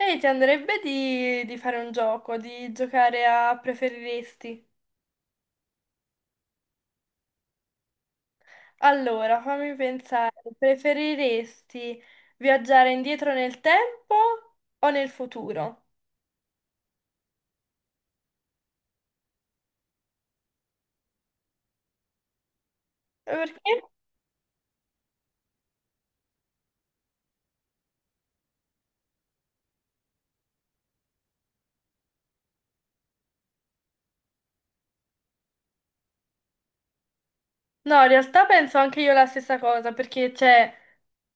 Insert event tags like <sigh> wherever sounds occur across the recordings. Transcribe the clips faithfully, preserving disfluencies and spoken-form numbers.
Ehi, ti andrebbe di, di fare un gioco, di giocare a preferiresti? Allora, fammi pensare, preferiresti viaggiare indietro nel tempo o nel futuro? Perché? No, in realtà penso anche io la stessa cosa, perché cioè,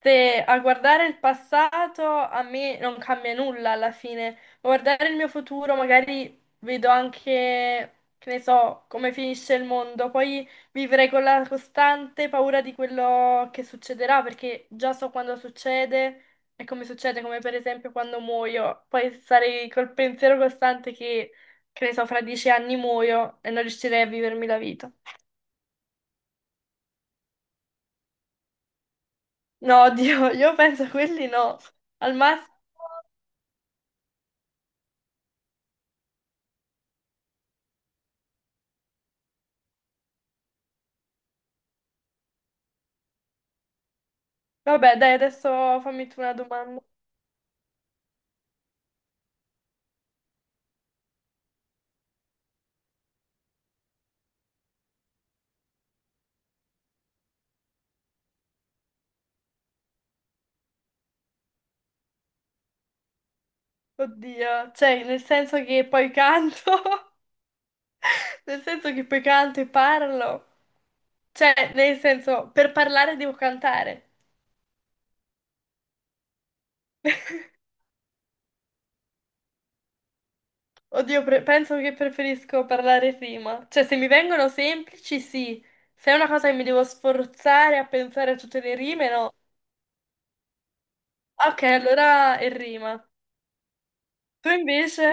se a guardare il passato a me non cambia nulla alla fine, ma guardare il mio futuro magari vedo anche, che ne so, come finisce il mondo, poi vivrei con la costante paura di quello che succederà, perché già so quando succede e come succede, come per esempio quando muoio, poi sarei col pensiero costante che, che ne so, fra dieci anni muoio e non riuscirei a vivermi la vita. No, Dio, <laughs> io penso a quelli no. Al massimo... Vabbè, dai, adesso fammi tu una domanda. Oddio, cioè, nel senso che poi canto, <laughs> nel senso che poi canto e parlo. Cioè, nel senso, per parlare devo cantare. Oddio, pre- penso che preferisco parlare prima. Cioè, se mi vengono semplici, sì. Se è una cosa che mi devo sforzare a pensare a tutte le rime, no. Ok, allora è rima. Tu invece?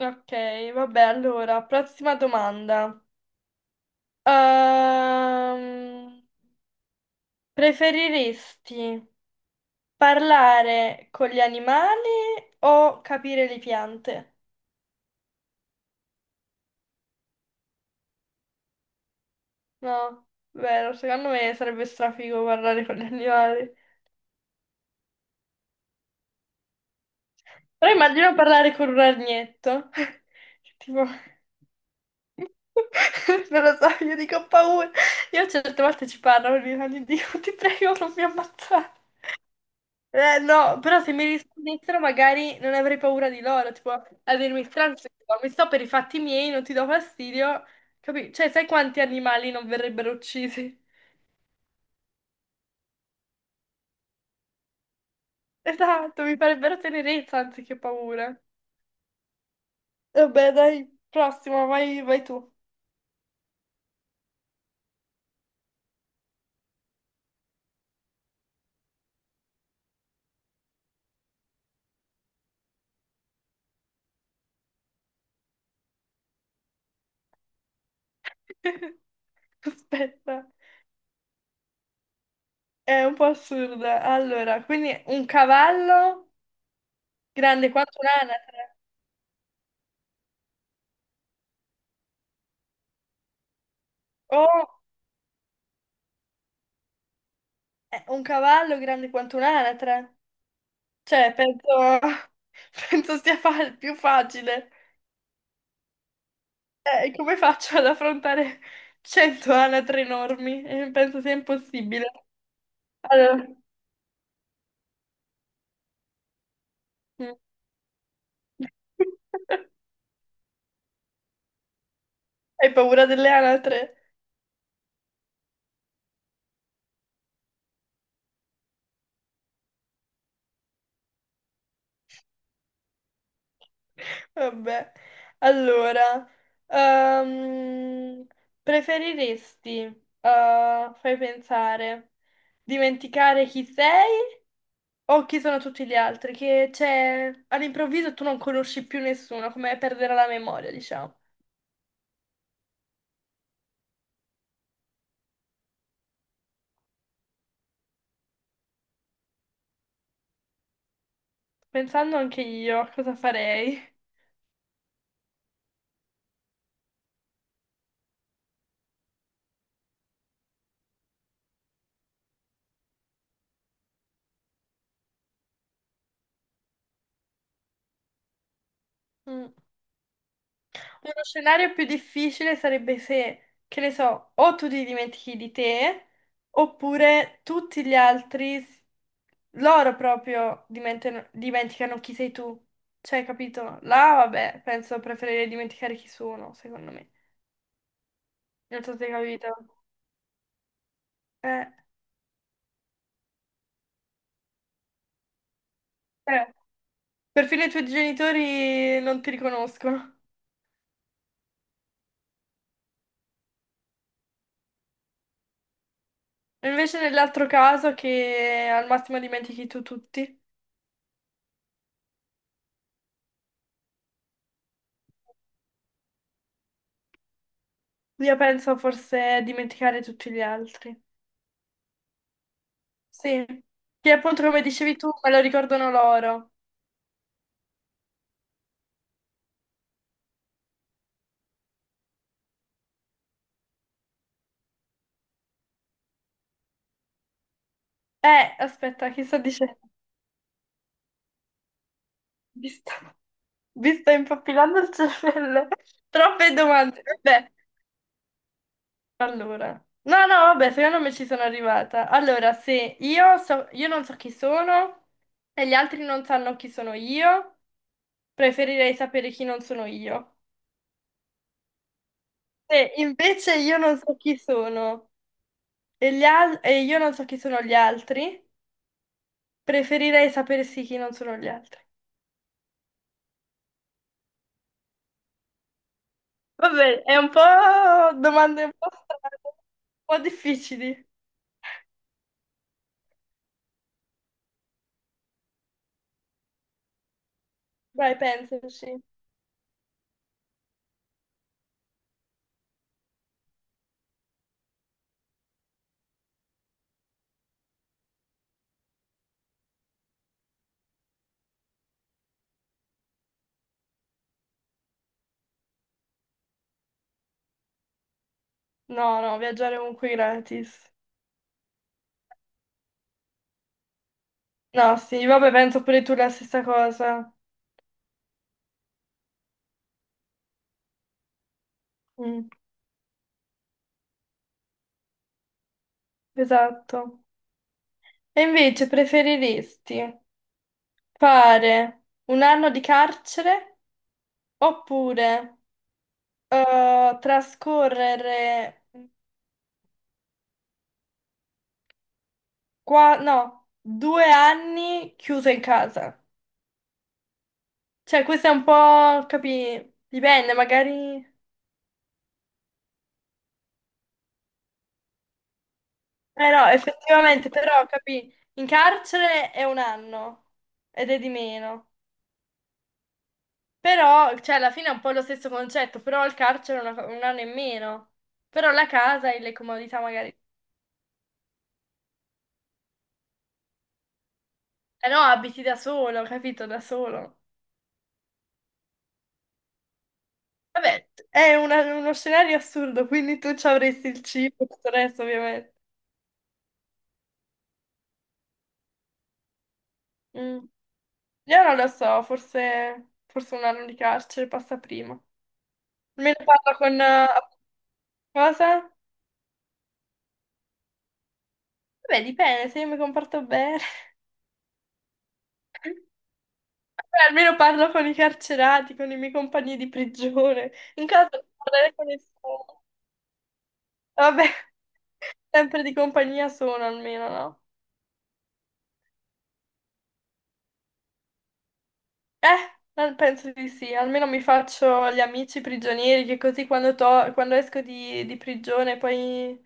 Ok, vabbè, allora, prossima domanda. Ehm, preferiresti, parlare con gli animali o capire le piante? No, vero, secondo me sarebbe strafigo parlare con gli animali. Però immagino parlare con un ragnetto. <laughs> Tipo, <laughs> non lo so, io dico ho paura. Io certe volte ci parlo, e dico, "Dio, ti prego, non mi ammazzare. Eh, no, però se mi rispondessero magari non avrei paura di loro, tipo a dirmi tranquillo, mi sto per i fatti miei, non ti do fastidio, capi? Cioè, sai quanti animali non verrebbero uccisi? <laughs> Esatto, mi farebbero tenerezza anziché paura. Vabbè, dai, prossimo, vai, vai tu. <laughs> Aspetta, è un po' assurda. Allora, quindi un cavallo grande quanto un'anatra. Oh, eh, un cavallo grande quanto un'anatra. Cioè, penso, <laughs> penso sia fa- più facile. Eh, come faccio ad affrontare cento anatre enormi? Eh, penso sia impossibile. Allora... Mm. <laughs> Hai paura delle anatre? Vabbè. Allora, ehm, preferiresti, eh, fai pensare, dimenticare chi sei o chi sono tutti gli altri? Che c'è all'improvviso tu non conosci più nessuno, come perdere la memoria, diciamo. Pensando anche io a cosa farei. Mm. Uno scenario più difficile sarebbe se, che ne so, o tu ti dimentichi di te, oppure tutti gli altri, s- loro proprio dimentano- dimenticano chi sei tu. Cioè, capito? Là, vabbè, penso preferirei dimenticare chi sono, secondo me. Non so se hai capito. Eh, eh. Perfino i tuoi genitori non ti riconoscono. E invece nell'altro caso che al massimo dimentichi tu tutti, io penso forse a dimenticare tutti gli altri. Sì, che appunto come dicevi tu, me lo ricordano loro. Eh, aspetta, che sto dicendo? Mi sto, mi sto impappinando il cervello. <laughs> Troppe domande. Vabbè, allora. No, no, vabbè, secondo me ci sono arrivata. Allora, se io so, io non so chi sono e gli altri non sanno chi sono io. Preferirei sapere chi non sono io. Se invece io non so chi sono e, gli al- e io non so chi sono gli altri, preferirei sapere sì chi non sono gli altri. Vabbè, è un po' domande un po' strane, un po' difficili. Dai, pensaci. No, no, viaggiare ovunque gratis. No, sì, vabbè, penso pure tu la stessa cosa. Mm, esatto. E invece preferiresti fare un anno di carcere oppure... eh, trascorrere qua, no, due anni chiuso in casa. Cioè, questo è un po', capì, dipende, magari... Eh no, effettivamente, però, capì, in carcere è un anno ed è di meno. Però, cioè, alla fine è un po' lo stesso concetto, però il carcere è una- un anno in meno. Però la casa e le comodità magari... Eh no, abiti da solo, capito? Da solo. Vabbè, è una- uno scenario assurdo, quindi tu ci avresti il cibo, tutto il resto, ovviamente. Mm. Io non lo so, forse, forse un anno di carcere passa prima. Almeno parlo con... eh, cosa? Vabbè, dipende, se io mi comporto bene. <laughs> Vabbè, almeno parlo con i carcerati, con i miei compagni di prigione. In caso non parlerei con nessuno. Vabbè, sempre di compagnia sono almeno, no? Eh, eh, penso di sì, almeno mi faccio gli amici prigionieri che così quando, to- quando esco di, di prigione poi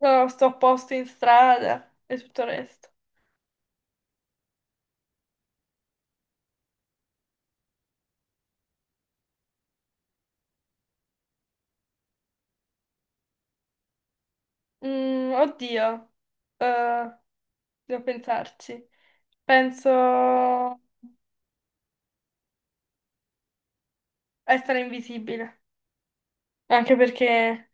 no, sto a posto in strada e tutto il resto. Mm, oddio, eh, devo pensarci. Penso essere invisibile, anche perché...